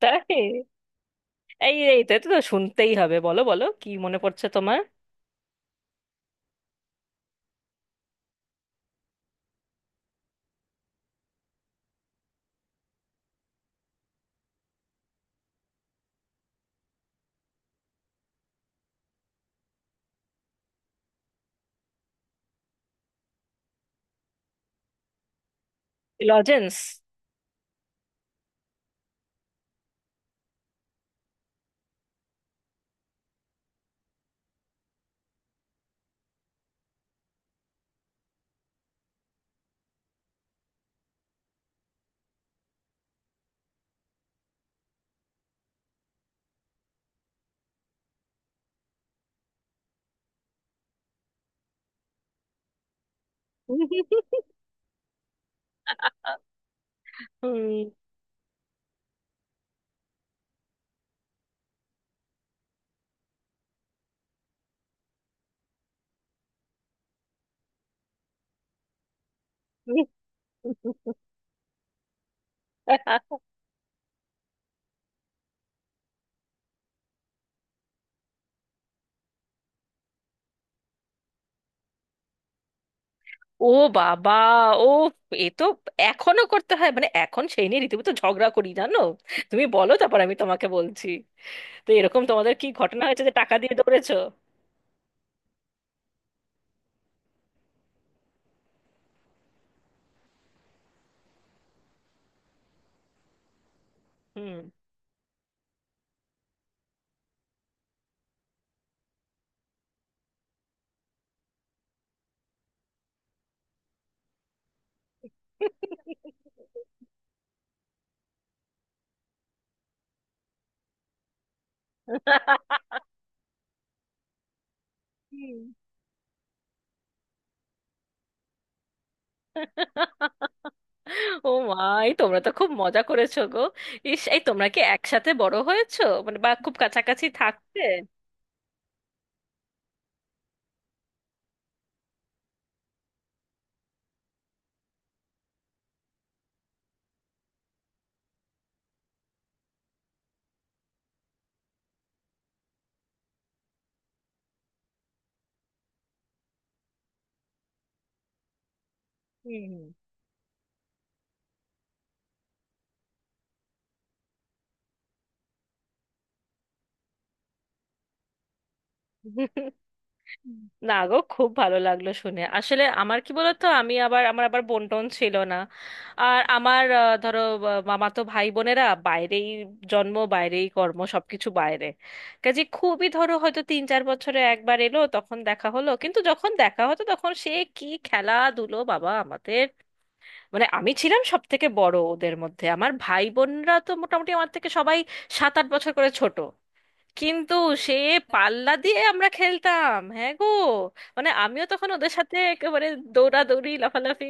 তাই। এই এই তো এটা তো শুনতেই হবে। বলো বলো, কি মনে পড়ছে তোমার? লজেন্স। ও বাবা! ও, এ তো এখনো করতে হয়, মানে এখন সেই নিয়ে রীতিমতো ঝগড়া করি, জানো। তুমি বলো, তারপর আমি তোমাকে বলছি। তো এরকম তোমাদের কি ঘটনা হয়েছে যে টাকা দিয়ে দৌড়েছো? হুম। ও মা! এই তোমরা তো খুব মজা করেছো গো। ইস, এই তোমরা কি একসাথে বড় হয়েছো, মানে বা খুব কাছাকাছি থাকতে? হুম। না গো, খুব ভালো লাগলো শুনে। আসলে আমার কি বলতো, আমি আবার আমার আবার বোন টোন ছিল না। আর আমার ধরো মামাতো ভাই বোনেরা বাইরেই জন্ম, বাইরেই কর্ম, সবকিছু বাইরে। কাজে খুবই, ধরো হয়তো 3-4 বছরে একবার এলো তখন দেখা হলো, কিন্তু যখন দেখা হতো তখন সে কি খেলাধুলো বাবা আমাদের! মানে আমি ছিলাম সব থেকে বড় ওদের মধ্যে, আমার ভাই বোনরা তো মোটামুটি আমার থেকে সবাই 7-8 বছর করে ছোট। কিন্তু সে পাল্লা দিয়ে আমরা খেলতাম, হ্যাঁ গো। মানে আমিও তখন ওদের সাথে একেবারে দৌড়াদৌড়ি লাফালাফি।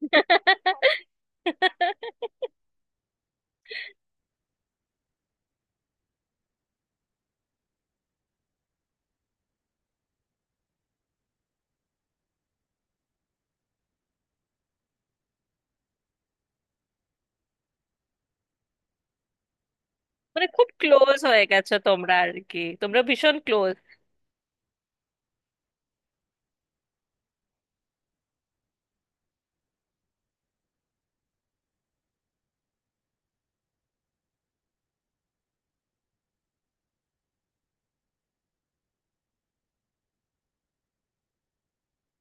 মানে খুব ক্লোজ হয়ে গেছো তোমরা আর কি, তোমরা ভীষণ ক্লোজ।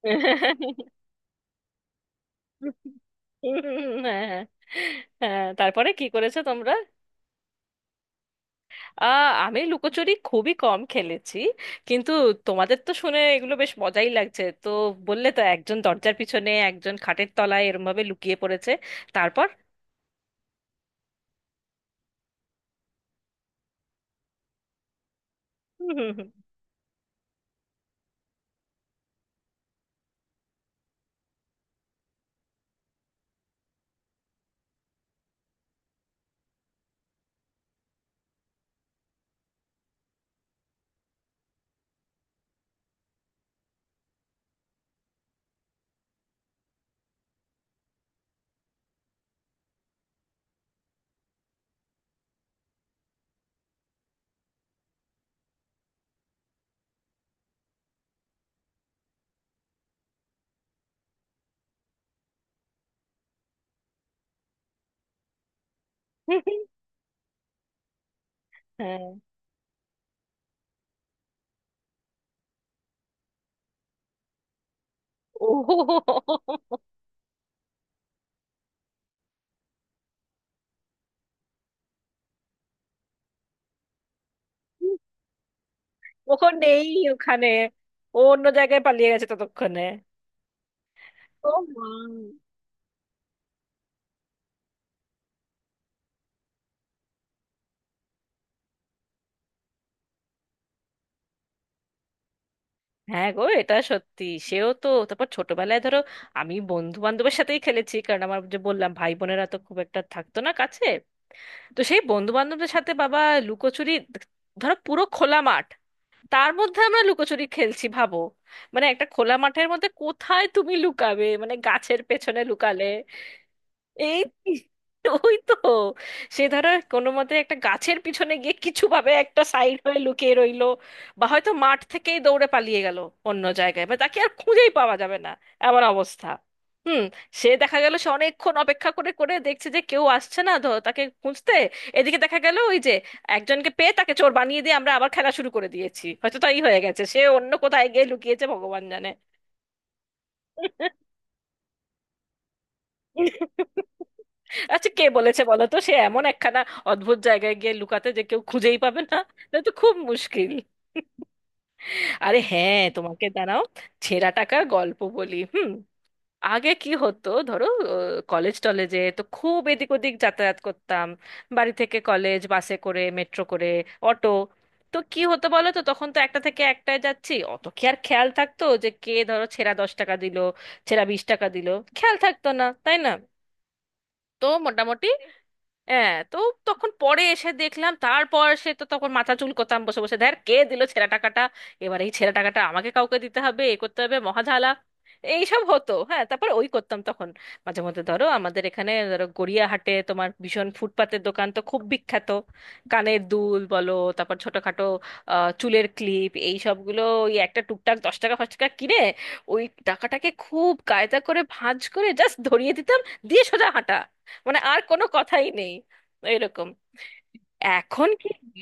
হ্যাঁ হ্যাঁ। হ্যাঁ, তারপরে কি করেছো তোমরা? আহ, আমি লুকোচুরি খুবই কম খেলেছি। কিন্তু তোমাদের তো শুনে এগুলো বেশ মজাই লাগছে তো। বললে তো একজন দরজার পিছনে একজন খাটের তলায় এরম ভাবে লুকিয়ে পড়েছে, তারপর? হুম, হুম, হুম, হুম। হ্যাঁ। ও, ওখন নেই ওখানে। ও অন্য জায়গায় পালিয়ে গেছে ততক্ষণে। ও মা। হ্যাঁ গো, এটা সত্যি। সেও তো তারপর ছোটবেলায়, ধরো আমি বন্ধু বান্ধবের সাথেই খেলেছি, কারণ আমার, যে বললাম, ভাই বোনেরা তো খুব একটা থাকতো না কাছে। তো সেই বন্ধু বান্ধবদের সাথে বাবা লুকোচুরি! ধরো পুরো খোলা মাঠ, তার মধ্যে আমরা লুকোচুরি খেলছি ভাবো। মানে একটা খোলা মাঠের মধ্যে কোথায় তুমি লুকাবে, মানে গাছের পেছনে লুকালে? এই, ওই তো, সে ধরো কোনো মতে একটা গাছের পিছনে গিয়ে কিছু ভাবে একটা সাইড হয়ে লুকিয়ে রইলো। বা হয়তো মাঠ থেকেই দৌড়ে পালিয়ে গেল অন্য জায়গায়, বা তাকে আর খুঁজেই পাওয়া যাবে না, এমন অবস্থা। হুম। সে দেখা গেল, সে অনেকক্ষণ অপেক্ষা করে করে দেখছে যে কেউ আসছে না তাকে খুঁজতে। এদিকে দেখা গেল ওই যে একজনকে পেয়ে তাকে চোর বানিয়ে দিয়ে আমরা আবার খেলা শুরু করে দিয়েছি, হয়তো তাই হয়ে গেছে, সে অন্য কোথায় গিয়ে লুকিয়েছে ভগবান জানে। আচ্ছা কে বলেছে বলো তো সে এমন একখানা অদ্ভুত জায়গায় গিয়ে লুকাতে, যে কেউ খুঁজেই পাবে না? না তো, খুব মুশকিল। আরে হ্যাঁ তোমাকে, দাঁড়াও ছেঁড়া টাকার গল্প বলি, হুম। আগে কি হতো ধরো, কলেজ টলেজে তো খুব এদিক ওদিক যাতায়াত করতাম। বাড়ি থেকে কলেজ বাসে করে, মেট্রো করে, অটো। তো কি হতো বলো তো, তখন তো একটা থেকে একটায় যাচ্ছি, অত কি আর খেয়াল থাকতো যে কে ধরো ছেঁড়া 10 টাকা দিল, ছেঁড়া 20 টাকা দিল? খেয়াল থাকতো না, তাই না? তো মোটামুটি হ্যাঁ, তো তখন পরে এসে দেখলাম, তারপর সে তো তখন মাথা চুলকোতাম বসে বসে, ধ্যার, কে দিল ছেঁড়া টাকাটা। এবার এই ছেঁড়া টাকাটা আমাকে কাউকে দিতে হবে, এ করতে হবে, মহাঝালা। এইসব হতো, হ্যাঁ। তারপর ওই করতাম তখন, মাঝে মধ্যে ধরো, আমাদের এখানে ধরো গড়িয়াহাটে তোমার ভীষণ ফুটপাতের দোকান তো খুব বিখ্যাত, কানের দুল বলো, তারপর ছোটখাটো চুলের ক্লিপ, এই সবগুলো ওই একটা টুকটাক 10 টাকা 5 টাকা কিনে ওই টাকাটাকে খুব কায়দা করে ভাঁজ করে জাস্ট ধরিয়ে দিতাম। দিয়ে সোজা হাঁটা, মানে আর কোনো কথাই নেই। এরকম। এখন কি?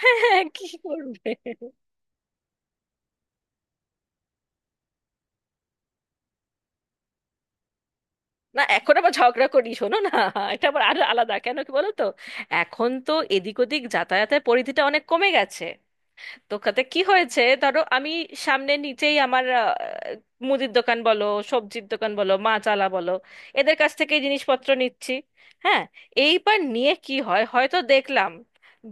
হ্যাঁ হ্যাঁ, কি করবে। না, এখন আবার ঝগড়া করি শোনো না। এটা আবার আরো আলাদা, কেন কি বলো তো। এখন তো এদিক ওদিক যাতায়াতের পরিধিটা অনেক কমে গেছে। দোকানে কি হয়েছে, ধরো আমি সামনে নিচেই আমার মুদির দোকান বলো, সবজির দোকান বলো, মাছ আলা বলো, এদের কাছ থেকে এই জিনিসপত্র নিচ্ছি। হ্যাঁ। এইবার নিয়ে কি হয়, হয়তো দেখলাম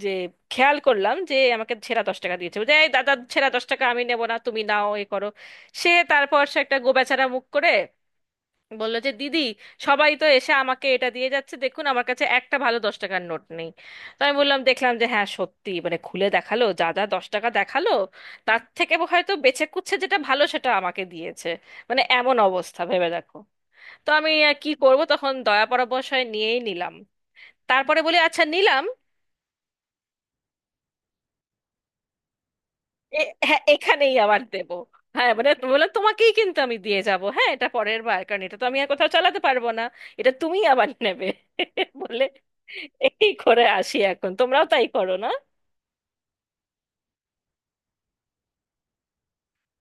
যে, খেয়াল করলাম যে আমাকে ছেঁড়া 10 টাকা দিয়েছে। বলছে এই দাদা, ছেঁড়া 10 টাকা আমি নেবো না, তুমি নাও, এ করো। সে তারপর সে একটা গোবেচারা মুখ করে বললো যে দিদি, সবাই তো এসে আমাকে এটা দিয়ে যাচ্ছে, দেখুন আমার কাছে একটা ভালো 10 টাকার নোট নেই। তো আমি বললাম, দেখলাম যে হ্যাঁ সত্যি, মানে খুলে দেখালো যা যা 10 টাকা দেখালো, তার থেকে হয়তো বেছে কুচ্ছে যেটা ভালো সেটা আমাকে দিয়েছে। মানে এমন অবস্থা ভেবে দেখো। তো আমি আর কি করব তখন, দয়া পরবশয় নিয়েই নিলাম। তারপরে বলি আচ্ছা নিলাম। এ- হ্যাঁ, এখানেই আবার দেবো। হ্যাঁ মানে বলে, তোমাকেই কিন্তু আমি দিয়ে যাব হ্যাঁ এটা পরের বার, কারণ এটা তো আমি আর কোথাও চালাতে পারবো না, এটা তুমি আবার নেবে। বলে এই করে আসি, এখন তোমরাও তাই করো না।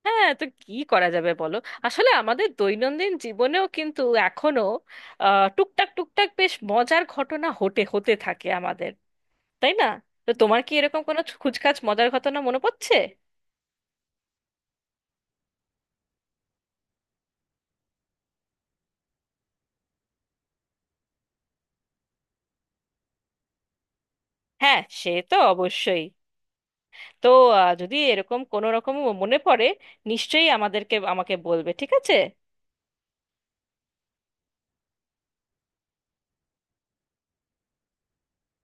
হ্যাঁ তো কি করা যাবে বলো। আসলে আমাদের দৈনন্দিন জীবনেও কিন্তু এখনো টুকটাক টুকটাক বেশ মজার ঘটনা হতে হতে থাকে আমাদের, তাই না? তো তোমার কি এরকম কোনো খুচখাচ মজার ঘটনা মনে পড়ছে? হ্যাঁ সে তো অবশ্যই। তো যদি এরকম কোনো রকম মনে পড়ে, নিশ্চয়ই আমাকে বলবে, ঠিক আছে।